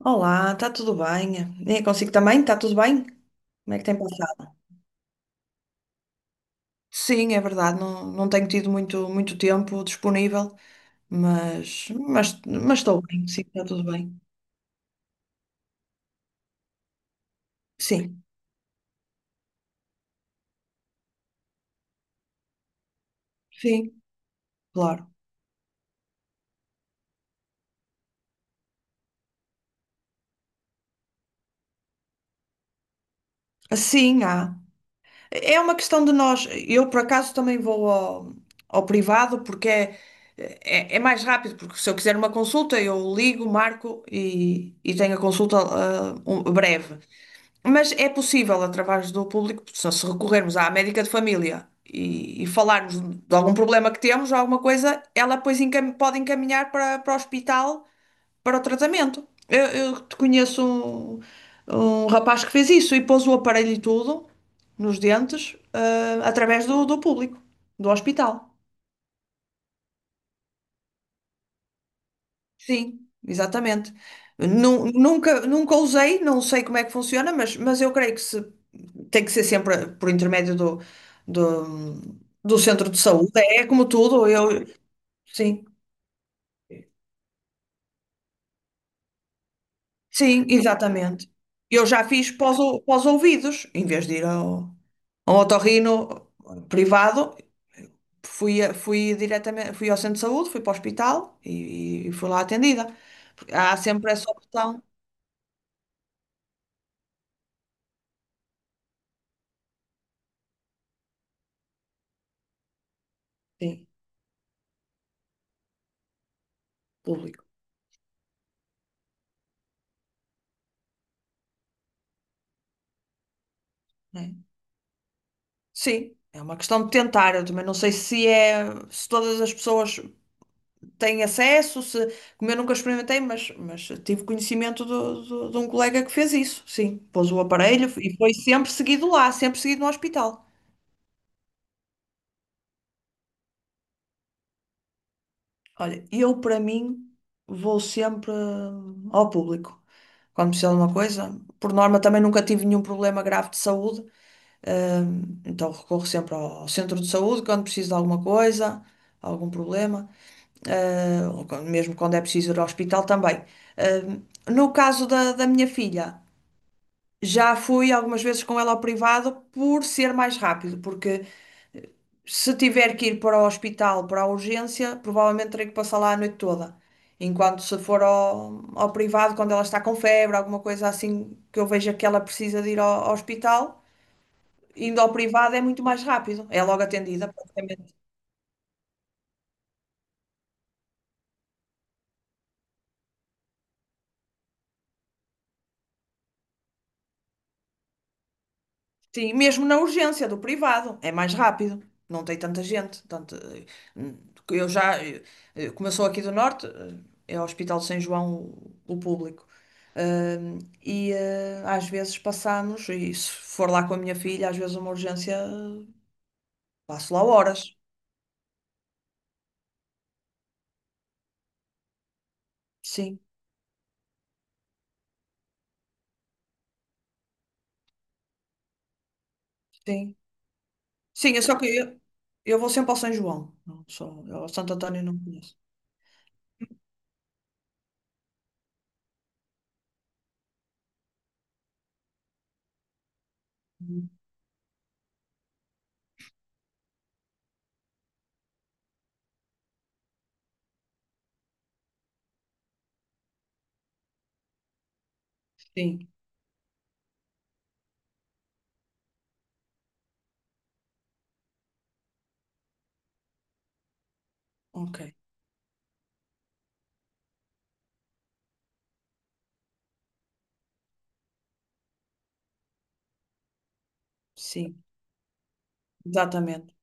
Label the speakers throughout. Speaker 1: Olá, está tudo bem? É consigo também? Está tudo bem? Como é que tem passado? Sim, é verdade, não, não tenho tido muito, muito tempo disponível, mas estou bem, sim, está tudo bem. Sim, sim, claro. Sim, há. É uma questão de nós. Eu, por acaso, também vou ao, ao privado porque é mais rápido, porque se eu quiser uma consulta, eu ligo, marco e tenho a consulta um- breve. Mas é possível, através do público, só se recorrermos à médica de família e falarmos de algum problema que temos, ou alguma coisa, ela depois encam- pode encaminhar para o hospital para o tratamento. Eu te conheço um rapaz que fez isso e pôs o aparelho e tudo nos dentes, através do público, do hospital. Sim, exatamente. Nunca usei, não sei como é que funciona, mas eu creio que se, tem que ser sempre por intermédio do, do centro de saúde. É como tudo, eu, sim, sim, exatamente. Eu já fiz pós, o- pós ouvidos, em vez de ir ao, ao otorrino privado, fui, a- fui diretamente, fui ao centro de saúde, fui para o hospital e fui lá atendida. Porque há sempre essa opção, sim, público, né? Sim, é uma questão de tentar. Eu também não sei se é, se todas as pessoas têm acesso, se, como eu nunca experimentei, mas tive conhecimento de um colega que fez isso. Sim, pôs o aparelho e foi sempre seguido lá, sempre seguido no hospital. Olha, eu para mim vou sempre ao público. Quando preciso de uma coisa, por norma também nunca tive nenhum problema grave de saúde, então recorro sempre ao ao centro de saúde quando preciso de alguma coisa, algum problema. Ou quando- mesmo quando é preciso ir ao hospital também. Eh, no caso da, da minha filha, já fui algumas vezes com ela ao privado por ser mais rápido, porque se tiver que ir para o hospital, para a urgência, provavelmente terei que passar lá a noite toda. Enquanto se for ao, ao privado, quando ela está com febre, alguma coisa assim que eu veja que ela precisa de ir ao, ao hospital, indo ao privado é muito mais rápido, é logo atendida. Sim, mesmo na urgência do privado, é mais rápido, não tem tanta gente. Tanto, hum, eu já, como eu sou aqui do Norte, é o Hospital de São João o público. Hum, e às vezes passamos, e se for lá com a minha filha, às vezes uma urgência, passo lá horas. Sim, sim. Sim, é só que eu vou sempre ao São João, não só, eu ao Santo António não conheço. Uhum. Sim, ok. Sim, exatamente.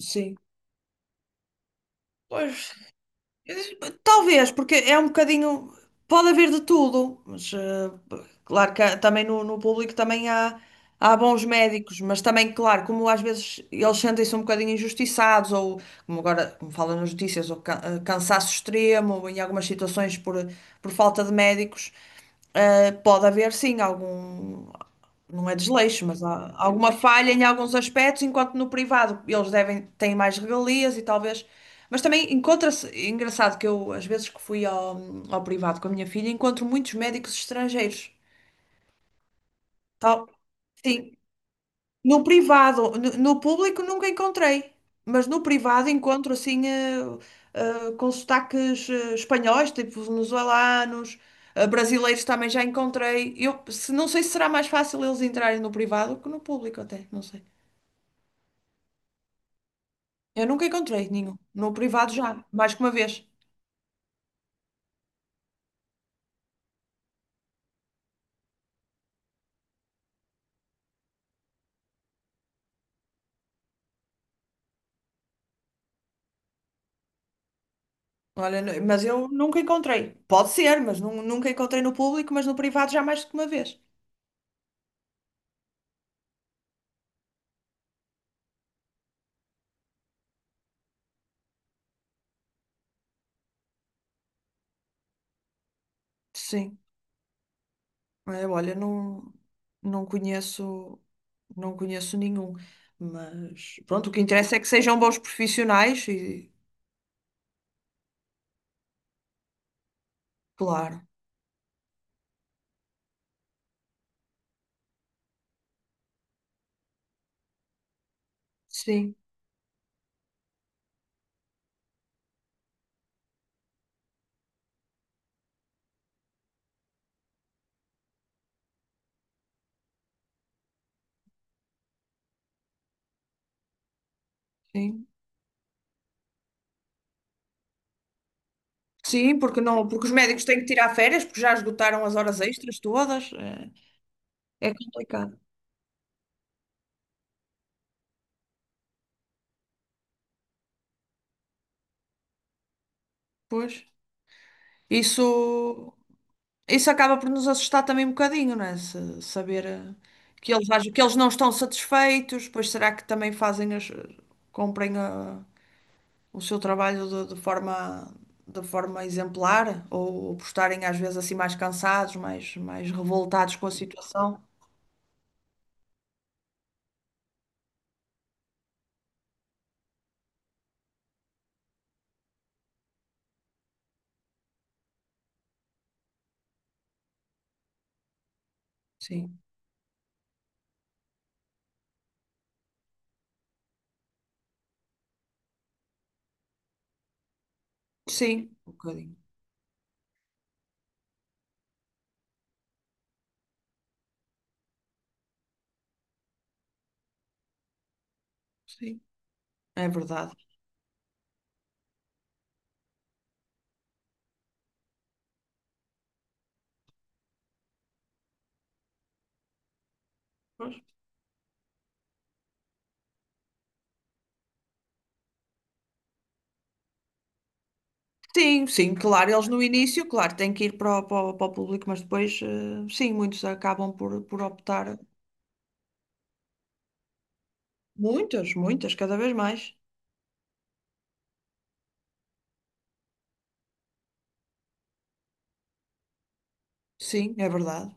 Speaker 1: Sim. Pois. Talvez, porque é um bocadinho. Pode haver de tudo, mas claro que há- também no, no público também há, há bons médicos, mas também, claro, como às vezes eles sentem-se um bocadinho injustiçados, ou como agora, como falam nas notícias, ou cansaço extremo, ou em algumas situações por falta de médicos, pode haver sim algum não é desleixo, mas há alguma falha em alguns aspectos, enquanto no privado eles devem, têm mais regalias e talvez. Mas também encontra-se, é engraçado que eu, às vezes que fui ao, ao privado com a minha filha, encontro muitos médicos estrangeiros. Tal, sim, no privado, no, no público nunca encontrei, mas no privado encontro assim com sotaques espanhóis, tipo venezuelanos, brasileiros também já encontrei. Eu se- não sei se será mais fácil eles entrarem no privado que no público até, não sei. Eu nunca encontrei nenhum. No privado já, mais que uma vez. Olha, n- mas eu nunca encontrei. Pode ser, mas nunca encontrei no público, mas no privado já mais que uma vez. Sim. É, olha, não, não conheço, não conheço nenhum. Mas pronto, o que interessa é que sejam bons profissionais e, claro. Sim, sim. Sim, porque não, porque os médicos têm que tirar férias, porque já esgotaram as horas extras todas. É, é complicado. Pois. Isso. Isso acaba por nos assustar também um bocadinho, não é? Saber que eles, que eles não estão satisfeitos, pois será que também fazem as, cumprem o seu trabalho de forma exemplar? Ou por estarem às vezes assim mais cansados, mais, mais revoltados com a situação? Sim, sim, um bocadinho, sim, é verdade. Pois. Sim, sim, claro, eles no início, claro, têm que ir para para o público, mas depois, sim, muitos acabam por optar. Muitas, muitas, cada vez mais. Sim, é verdade.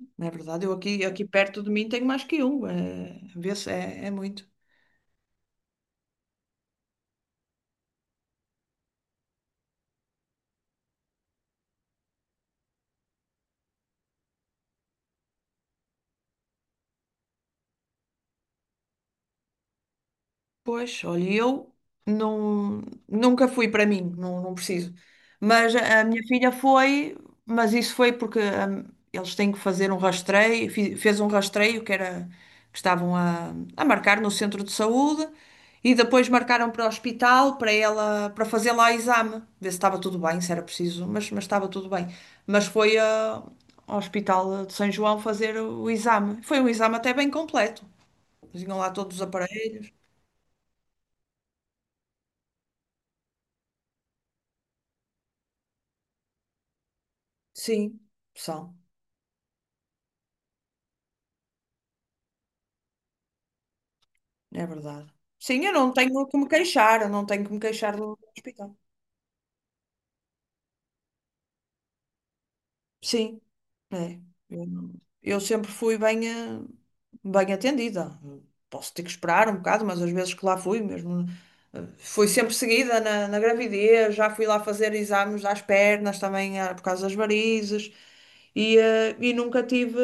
Speaker 1: É verdade. Eu aqui, aqui perto de mim tenho mais que um. É, vê-se, é, é muito. Pois, olha, eu não, nunca fui para mim, não, não preciso. Mas a minha filha foi, mas isso foi porque eles têm que fazer um rastreio, fez um rastreio que era que estavam a marcar no centro de saúde e depois marcaram para o hospital para ela para fazer lá exame, ver se estava tudo bem, se era preciso, mas estava tudo bem. Mas foi ao hospital de São João fazer o exame. Foi um exame até bem completo. Tinham lá todos os aparelhos. Sim, são, é verdade. Sim, eu não tenho que me queixar, eu não tenho que me queixar do hospital. Sim, é. Eu, não- Eu sempre fui bem, bem atendida. Posso ter que esperar um bocado, mas às vezes que lá fui mesmo. Fui sempre seguida na, na gravidez, já fui lá fazer exames às pernas também por causa das varizes e e nunca tive,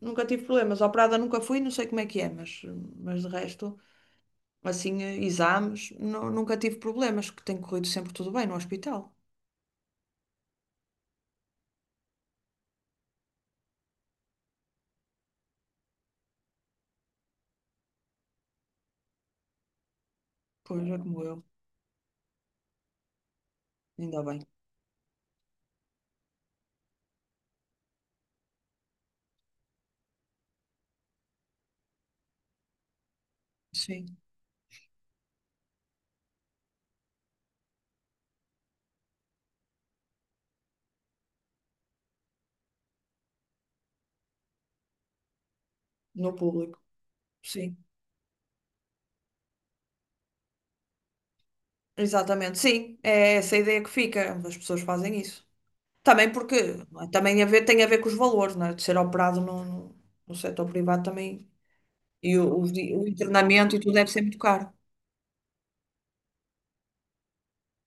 Speaker 1: nunca tive problemas. Operada nunca fui, não sei como é que é, mas de resto. Assim, exames, nunca tive problemas, que tem corrido sempre tudo bem no hospital. Pois é como eu, ainda bem. Sim, no público, sim. Exatamente, sim, é essa a ideia que fica, as pessoas fazem isso. Também porque, não é? Também a ver, tem a ver com os valores, não é? De ser operado no setor privado também, e o internamento e tudo deve ser muito caro.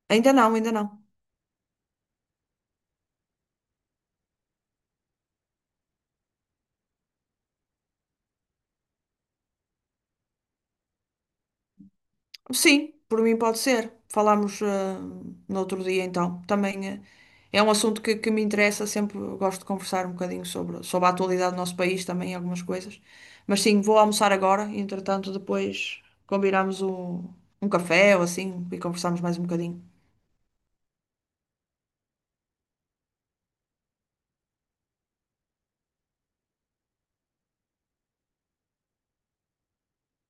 Speaker 1: Ainda não, ainda não. Sim, por mim pode ser. Falámos no outro dia então. Também é um assunto que me interessa, sempre gosto de conversar um bocadinho sobre, sobre a atualidade do nosso país também, algumas coisas. Mas sim, vou almoçar agora e entretanto depois combinamos um, um café ou assim e conversamos mais um bocadinho.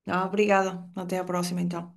Speaker 1: Ah, obrigada. Até à próxima então.